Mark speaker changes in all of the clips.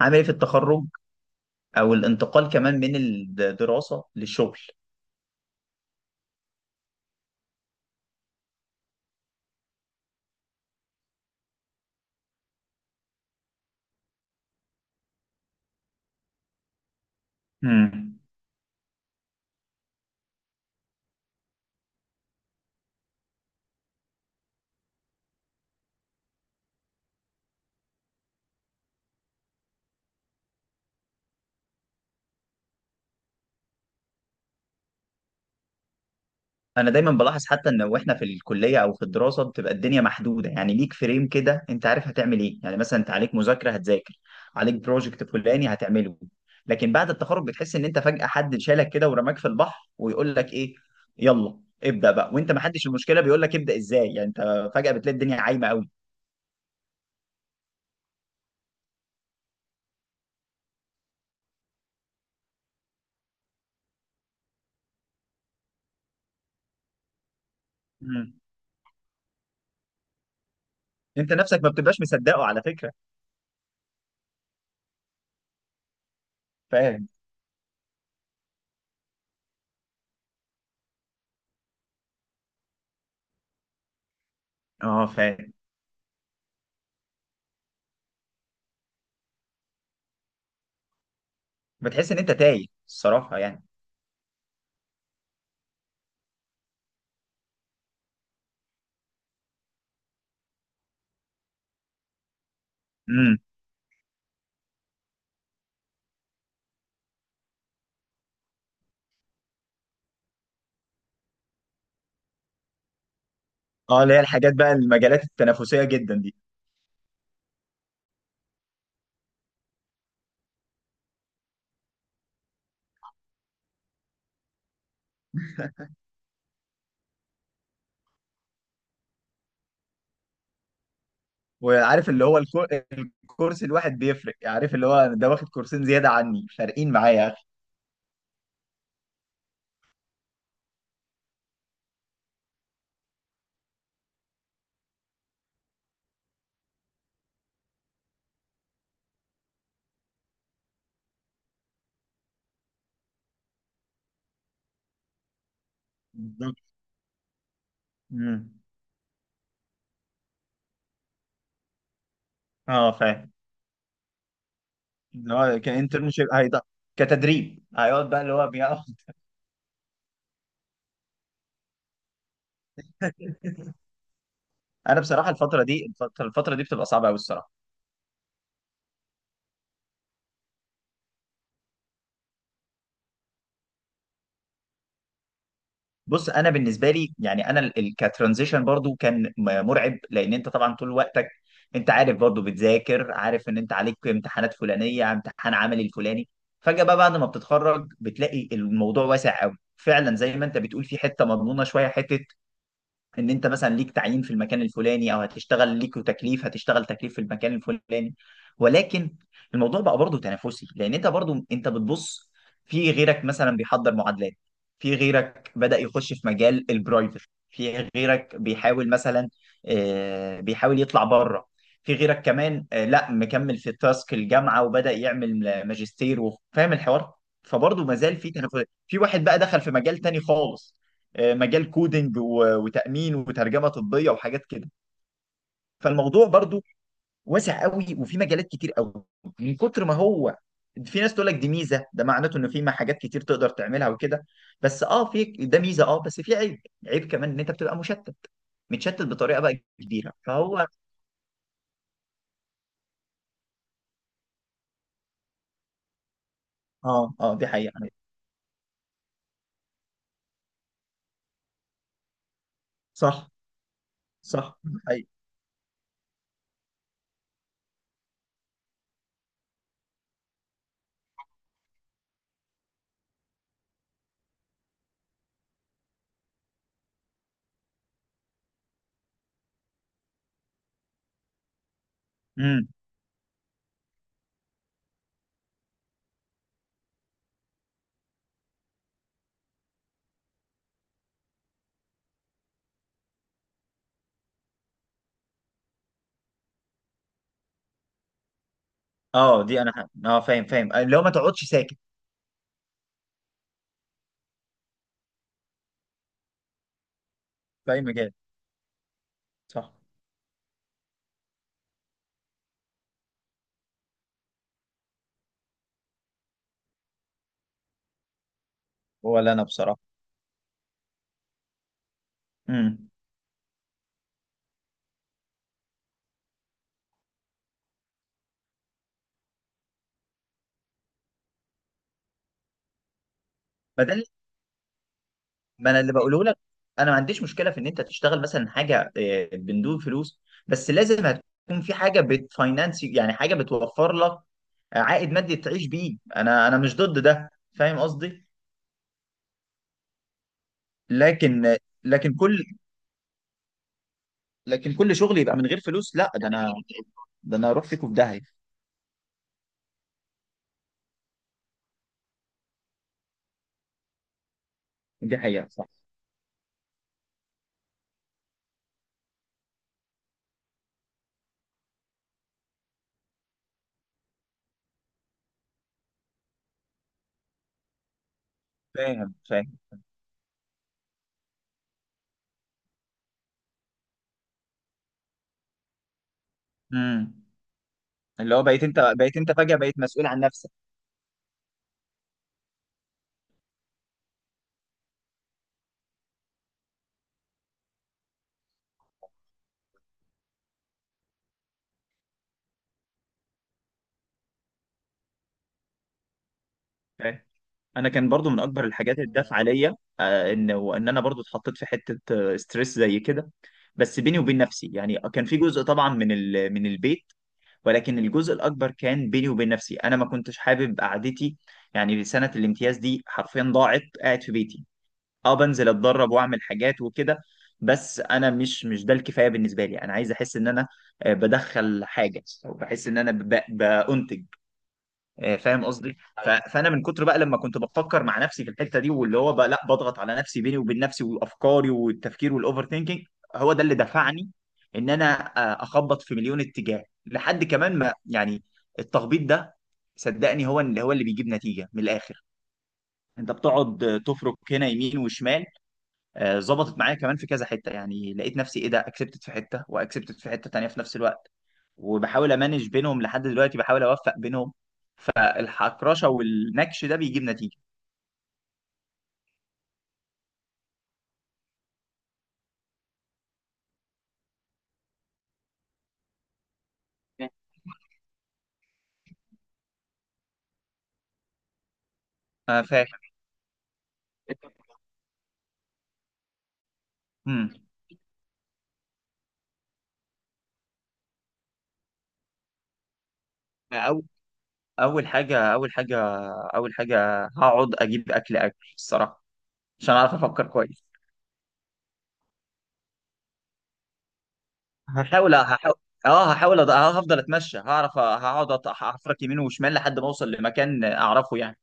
Speaker 1: عامل ايه في التخرج او الانتقال كمان من الدراسه للشغل؟ امم. انا دايما بلاحظ حتى ان واحنا في الكليه او في الدراسه بتبقى الدنيا محدوده، يعني ليك فريم كده، انت عارف هتعمل ايه، يعني مثلا انت عليك مذاكره هتذاكر، عليك بروجكت فلاني هتعمله. لكن بعد التخرج بتحس ان انت فجاه حد شالك كده ورماك في البحر ويقول لك ايه، يلا ابدا بقى، وانت ما حدش، المشكله بيقول لك ابدا ازاي، يعني انت فجاه بتلاقي الدنيا عايمه قوي. امم. انت نفسك ما بتبقاش مصدقه على فكره. فاهم. اه، فاهم. بتحس ان انت تايه الصراحه يعني. امم. اه، اللي هي الحاجات بقى المجالات التنافسيه جدا دي. وعارف اللي هو الكورس الواحد بيفرق، عارف اللي هو ده واخد كورسين زياده عني، فارقين معايا يا اخي. بالظبط. امم. اه، فاهم. اللي هو كانترنشيب كتدريب هيقعد بقى اللي هو بيقعد. انا بصراحه الفتره دي الفتره الفترة دي بتبقى صعبه قوي الصراحه. بص، انا بالنسبه لي يعني انا كترانزيشن برضو كان مرعب، لان انت طبعا طول وقتك انت عارف برضو بتذاكر، عارف ان انت عليك امتحانات فلانيه، امتحان عملي الفلاني. فجاه بقى بعد ما بتتخرج بتلاقي الموضوع واسع قوي، فعلا زي ما انت بتقول، في حته مضمونه شويه، حته ان انت مثلا ليك تعيين في المكان الفلاني، او هتشتغل ليك تكليف هتشتغل تكليف في المكان الفلاني. ولكن الموضوع بقى برضه تنافسي، لان انت برضه انت بتبص في غيرك مثلا بيحضر معادلات، في غيرك بدأ يخش في مجال البرايفت، في غيرك بيحاول مثلا بيحاول يطلع بره، في غيرك كمان لا مكمل في تاسك الجامعة وبدأ يعمل ماجستير وفاهم الحوار. فبرضه مازال في تنافس، في واحد بقى دخل في مجال تاني خالص مجال كودينج وتأمين وترجمة طبية وحاجات كده. فالموضوع برضو واسع قوي، وفي مجالات كتير قوي من كتر ما هو، في ناس تقول لك دي ميزة، ده معناته انه في حاجات كتير تقدر تعملها وكده، بس اه في ده ميزة، اه بس في عيب، عيب كمان ان انت بتبقى مشتت، متشتت بطريقة بقى كبيرة فهو. اه، اه، دي حقيقة. صح. صح، دي حقيقة. امم. اه، فاهم فاهم، لو ما تقعدش ساكت في اي مجال. صح. ولا انا بصراحة. امم. ما انا اللي بقوله لك، انا ما عنديش مشكله في ان انت تشتغل مثلا حاجه بندون فلوس، بس لازم هتكون في حاجه بتفاينانس، يعني حاجه بتوفر لك عائد مادي تعيش بيه، انا مش ضد ده. فاهم قصدي؟ لكن لكن كل لكن كل شغل يبقى من غير فلوس، لا ده انا اروح فيكم في داهيه. دي حقيقه صح. فاهم فاهم. امم. اللي هو بقيت انت فجاه بقيت مسؤول عن نفسك. انا كان برضو من اكبر الحاجات اللي دافعه ليا ان انا برضو اتحطيت في حته ستريس زي كده. بس بيني وبين نفسي يعني كان في جزء طبعا من البيت. ولكن الجزء الاكبر كان بيني وبين نفسي، انا ما كنتش حابب قعدتي، يعني سنه الامتياز دي حرفيا ضاعت قاعد في بيتي. اه، بنزل اتدرب واعمل حاجات وكده، بس انا مش ده الكفايه بالنسبه لي، انا عايز احس ان انا بدخل حاجه او بحس ان انا بأنتج، فاهم قصدي؟ ايوه، فانا من كتر بقى لما كنت بفكر مع نفسي في الحته دي، واللي هو بقى لا بضغط على نفسي بيني وبين نفسي وافكاري والتفكير والاوفر ثينكينج، هو ده اللي دفعني ان انا اخبط في مليون اتجاه لحد كمان ما يعني التخبيط ده صدقني هو اللي بيجيب نتيجه من الاخر. انت بتقعد تفرك هنا يمين وشمال، ظبطت معايا كمان في كذا حته، يعني لقيت نفسي، ايه ده، اكسبتت في حته واكسبتت في حته تانيه في نفس الوقت، وبحاول امانج بينهم لحد دلوقتي بحاول اوفق بينهم، فالحكرشه والنكش ده بيجيب نتيجه. انا فاهم. امم. اول اول حاجه اول حاجه اول حاجه هقعد اجيب اكل اكل الصراحه عشان اعرف افكر كويس. هحاول هحاول اه هحاول، هفضل اتمشى، هقعد هحفرك يمين وشمال لحد ما اوصل لمكان اعرفه يعني.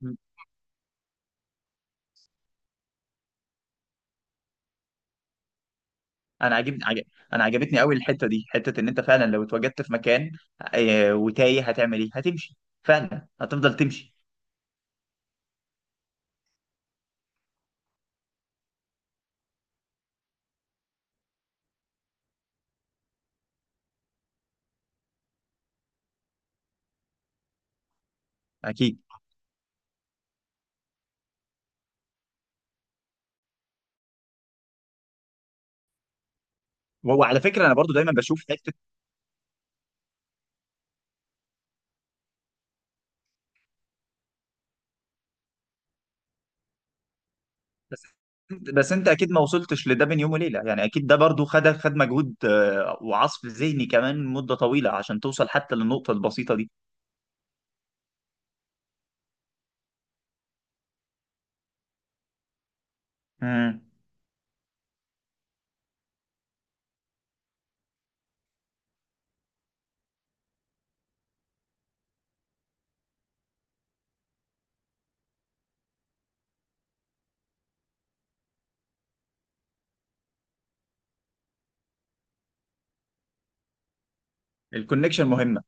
Speaker 1: مم. انا عجبني عجب... انا عجبتني قوي الحته دي، حته ان انت فعلا لو اتوجدت في مكان وتايه، هتعمل ايه؟ هتمشي، فعلا هتفضل تمشي. اكيد. وعلى فكره انا برضو دايما بشوف حته. بس بس انت اكيد ما وصلتش لده بين يوم وليله، يعني اكيد ده برضو خد مجهود وعصف ذهني كمان مده طويله عشان توصل حتى للنقطه البسيطه دي. امم. الكونكشن مهمه.